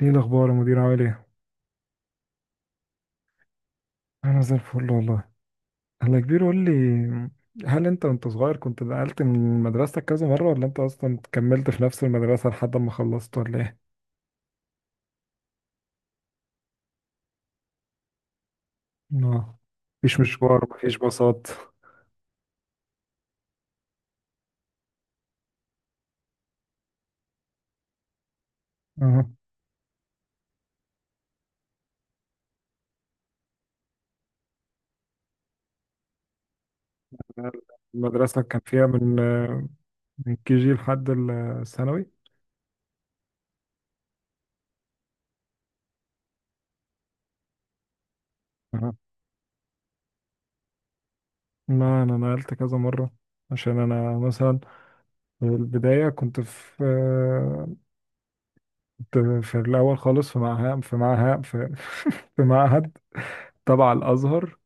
ايه الاخبار يا مدير، عامل ايه؟ انا زي الفل والله. انا كبير قول لي. هل انت وانت صغير كنت نقلت من مدرستك كذا مره ولا انت اصلا كملت في نفس المدرسه لحد ما خلصت ولا ايه؟ اه، مفيش مشوار مفيش باصات. اه، المدرسه كان فيها من كي جي لحد الثانوي. اه، لا انا نقلت كذا مره عشان انا مثلا في البدايه كنت في كنت الاول خالص في معهد في معهد تبع الازهر.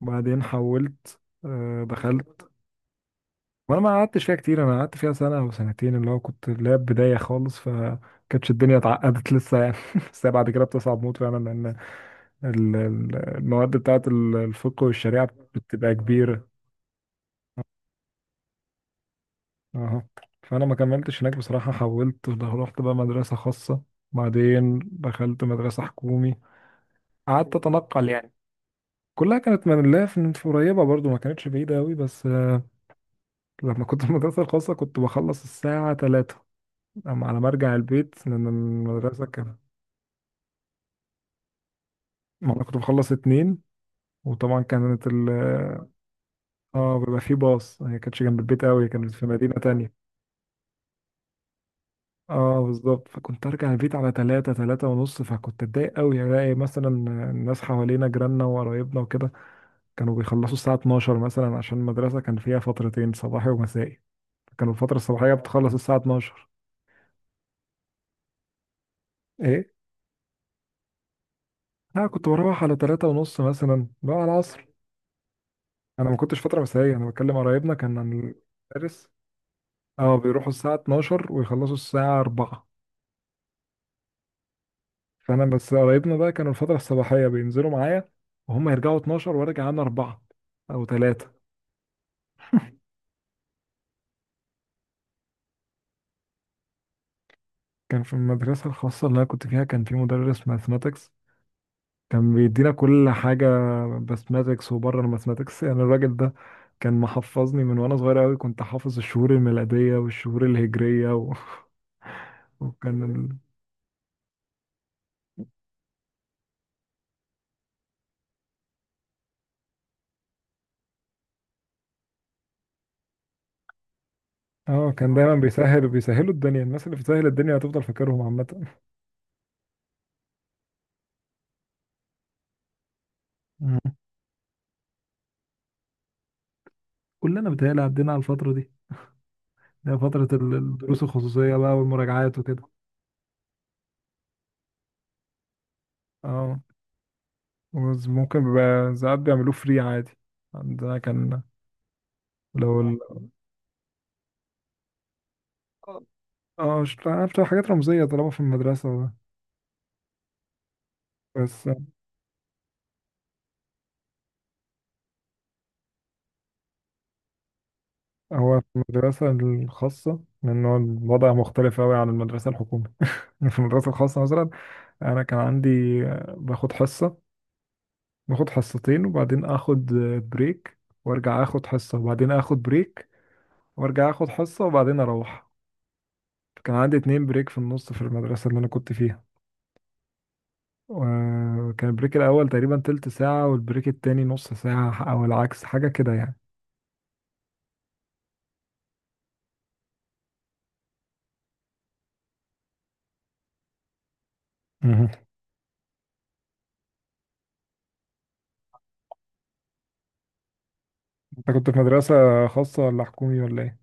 وبعدين حولت، دخلت. وانا ما قعدتش فيها كتير، انا قعدت فيها سنه او سنتين اللي هو كنت اللي هي بدايه خالص فكانتش الدنيا اتعقدت لسه يعني. بس هي بعد كده بتصعب موت فعلا لان المواد بتاعت الفقه والشريعه بتبقى كبيره. اه، فانا ما كملتش هناك بصراحه، حولت رحت بقى مدرسه خاصه، بعدين دخلت مدرسه حكومي، قعدت اتنقل يعني. كلها كانت من الله في قريبه برضو ما كانتش بعيده قوي بس لما كنت في المدرسه الخاصه كنت بخلص الساعه 3. أما على ما ارجع البيت من المدرسه كان، ما انا كنت بخلص اتنين. وطبعا كانت ال... اه، بيبقى في باص، هي كانتش جنب البيت قوي، كانت في مدينه تانية. اه، بالظبط، فكنت ارجع البيت على تلاتة ونص، فكنت اتضايق قوي الاقي مثلا الناس حوالينا جيراننا وقرايبنا وكده كانوا بيخلصوا الساعه 12 مثلا، عشان المدرسه كان فيها فترتين صباحي ومسائي، كانوا الفتره الصباحيه بتخلص الساعه 12. ايه، لا كنت بروح على تلاتة ونص مثلا بقى على العصر. انا ما كنتش فتره مسائيه، انا بتكلم قرايبنا كان عن المدرس. اه، بيروحوا الساعة 12 ويخلصوا الساعة 4. فأنا بس قرايبنا بقى كانوا الفترة الصباحية بينزلوا معايا، وهم يرجعوا 12 وارجع أنا 4 أو 3. كان في المدرسة الخاصة اللي أنا كنت فيها كان في مدرس ماثماتكس، كان بيدينا كل حاجة، ماثماتكس وبره الماثماتكس. يعني الراجل ده كان محفظني من وأنا صغير أوي، كنت حافظ الشهور الميلادية والشهور الهجرية و... وكان ال... اه، كان دايما بيسهلوا الدنيا، الناس اللي بتسهل الدنيا هتفضل فاكرهم عامة. مم. كلنا بتهيألي عدينا على الفترة دي، هي فترة الدروس الخصوصية بقى والمراجعات وكده. اه، وز- ممكن بيبقى ساعات بيعملوه فري عادي. عندنا كان لو ال... اه، مش عارف، بتبقى حاجات رمزية طالما في المدرسة ده. بس هو في المدرسة الخاصة، لأن هو الوضع مختلف أوي عن المدرسة الحكومية. في المدرسة الخاصة مثلا أنا كان عندي، باخد حصة، باخد حصتين وبعدين آخد بريك، وأرجع آخد حصة وبعدين آخد بريك، وأرجع آخد حصة وبعدين أروح. كان عندي اتنين بريك في النص في المدرسة اللي أنا كنت فيها. وكان البريك الأول تقريبا تلت ساعة والبريك التاني نص ساعة أو العكس، حاجة كده يعني. مهم. أنت كنت في مدرسة خاصة ولا حكومي ولا إيه؟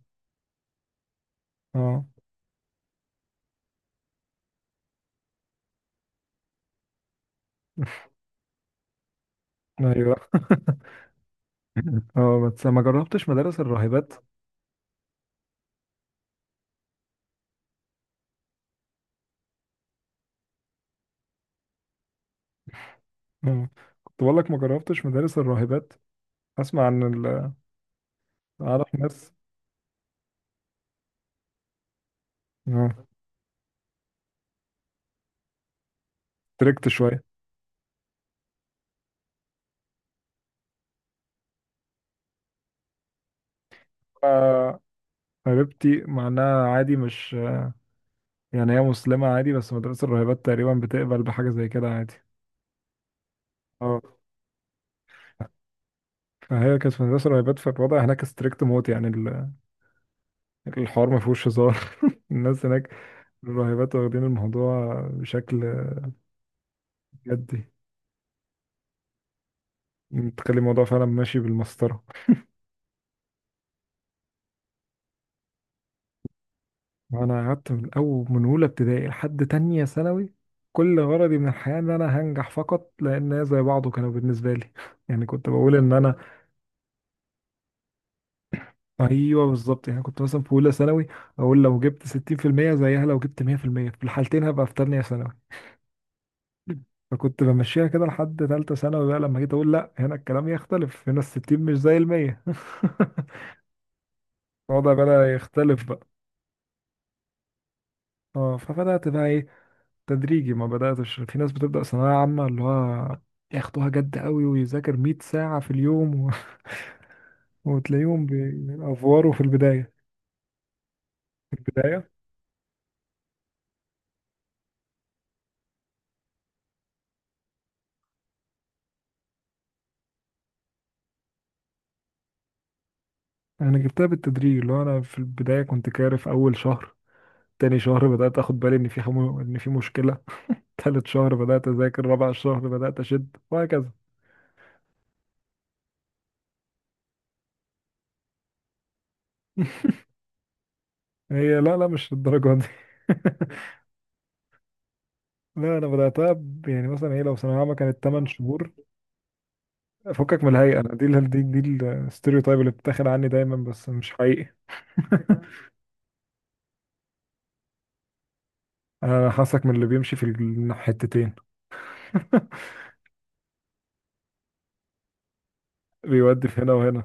أه، أيوه. أه، بس ما جربتش مدارس الراهبات. أه، كنت بقول لك ما جربتش مدارس الراهبات، أسمع عن أعرف ناس. أه تركت شوية. آه، قريبتي مع إنها عادي مش، يعني هي مسلمة عادي، بس مدرسة الراهبات تقريبا بتقبل بحاجة زي كده عادي. اه، فهي كانت في مدرسة راهبات فالوضع هناك ستريكت موت، يعني الحوار ما فيهوش هزار. الناس هناك الراهبات واخدين الموضوع بشكل جدي، تخلي الموضوع فعلا ماشي بالمسطرة. وأنا قعدت من أول من أولى ابتدائي لحد تانية ثانوي كل غرضي من الحياة إن أنا هنجح فقط، لأن هي زي بعضه كانوا بالنسبة لي. يعني كنت بقول إن أنا، أيوه بالظبط، يعني كنت مثلا في أولى ثانوي أقول لو جبت 60% زيها لو جبت 100% في المية، في الحالتين هبقى في تانية ثانوي. فكنت بمشيها كده لحد تالتة ثانوي، بقى لما جيت أقول لأ، هنا الكلام يختلف، هنا الستين مش زي المية. الوضع بدأ يختلف بقى. اه، فبدأت بقى ايه، تدريجي، ما بدأتش في ناس بتبدأ ثانوية عامة اللي هو ياخدوها جد قوي ويذاكر 100 ساعة في اليوم و... وتلاقيهم بيأفوروا في البداية. في البداية أنا جبتها بالتدريج اللي هو أنا في البداية كنت كارف أول شهر، تاني شهر بدأت أخد بالي إن في حمو... إن في مشكلة، تالت شهر بدأت أذاكر، رابع شهر بدأت أشد وهكذا. هي لا لا مش الدرجة دي. لا انا بدأتها يعني مثلا هي لو ثانوية عامة كانت 8 شهور. فكك من الهيئة، أنا دي الستيreotype اللي بتتاخد عني دايما بس مش حقيقي. انا حاسك من اللي بيمشي في الحتتين. بيودي في هنا وهنا.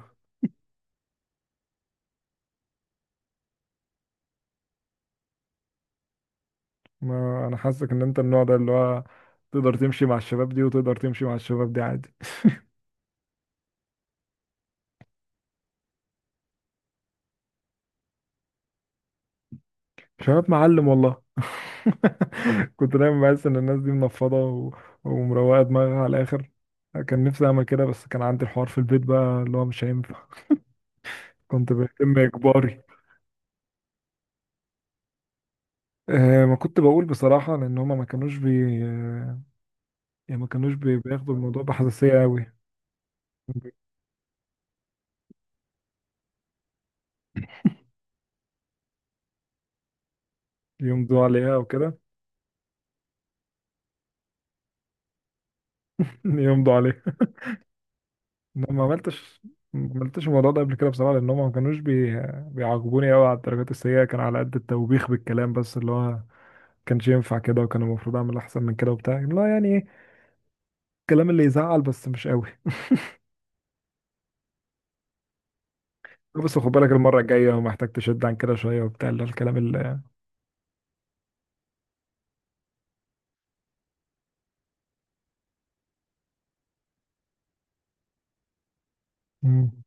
ما انا حاسك ان انت النوع ده اللي هو تقدر تمشي مع الشباب دي وتقدر تمشي مع الشباب دي عادي. شباب معلم والله. كنت دايما بحس ان الناس دي منفضه و... ومروقه دماغها على الاخر. كان نفسي اعمل كده بس كان عندي الحوار في البيت بقى اللي هو مش هينفع، كنت بهتم اجباري. أه، ما كنت بقول بصراحه لان هما ما كانوش يعني ما كانوش بياخدوا الموضوع بحساسيه قوي. يمضوا عليها او كده. يمضوا عليها. انا ما عملتش الموضوع ده قبل كده بصراحه لان هما ما كانوش بيعاقبوني قوي على الدرجات السيئه، كان على قد التوبيخ بالكلام بس اللي هو كانش ينفع كده وكان المفروض اعمل احسن من كده وبتاع، لا يعني ايه، الكلام اللي يزعل بس مش قوي. بس خد بالك المره الجايه محتاج تشد عن كده شويه وبتاع اللي هو الكلام اللي. مم.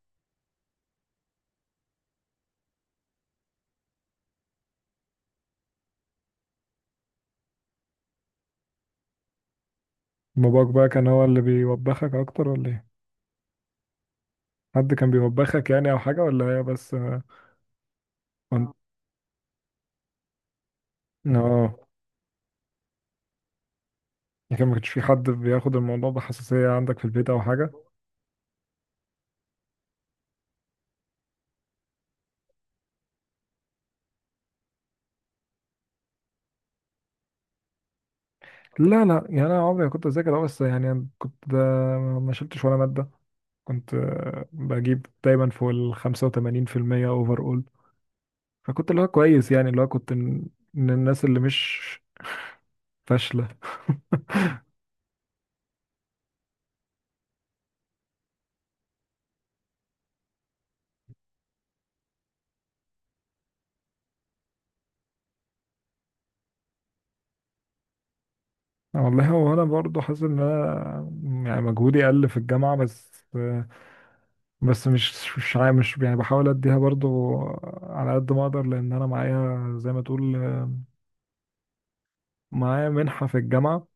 باباك بقى كان هو اللي بيوبخك اكتر ولا ايه؟ حد كان بيوبخك يعني او حاجه ولا هي بس اه؟ كنت- آه. يعني ما كانش في حد بياخد الموضوع بحساسيه عندك في البيت او حاجه. لا لا، يعني انا عمري ما كنت اذاكر، بس يعني أنا كنت ده ما شلتش ولا ماده، كنت بجيب دايما فوق ال 85% اوفر. فكنت اللي هو كويس يعني اللي هو كنت من الناس اللي مش فاشلة. والله هو انا برضو حاسس ان انا يعني مجهودي قل في الجامعه، بس بس مش يعني بحاول اديها برضو على قد ما اقدر لان انا معايا زي ما تقول معايا منحه في الجامعه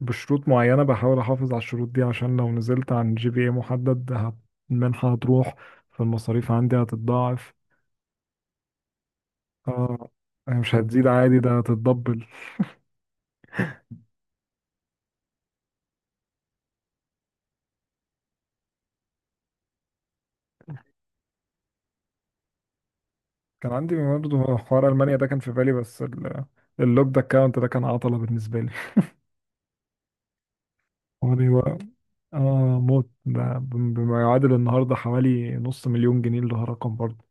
بشروط معينه، بحاول احافظ على الشروط دي عشان لو نزلت عن جي بي اي محدد المنحه هتروح فالمصاريف عندي هتتضاعف. اه، يعني مش هتزيد عادي ده هتتدبل. كان عندي برضه حوار المانيا ده كان في بالي بس اللوكد اكونت ده كان عطله بالنسبه لي. حواري بقى اه موت، ده بما يعادل النهارده حوالي نص مليون جنيه اللي هو رقم برضه.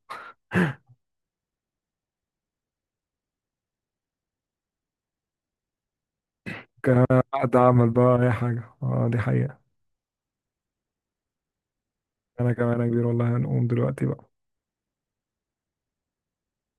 كان قاعد اعمل بقى اي حاجه، اه دي حقيقه. انا كمان يا كبير والله، هنقوم دلوقتي بقى.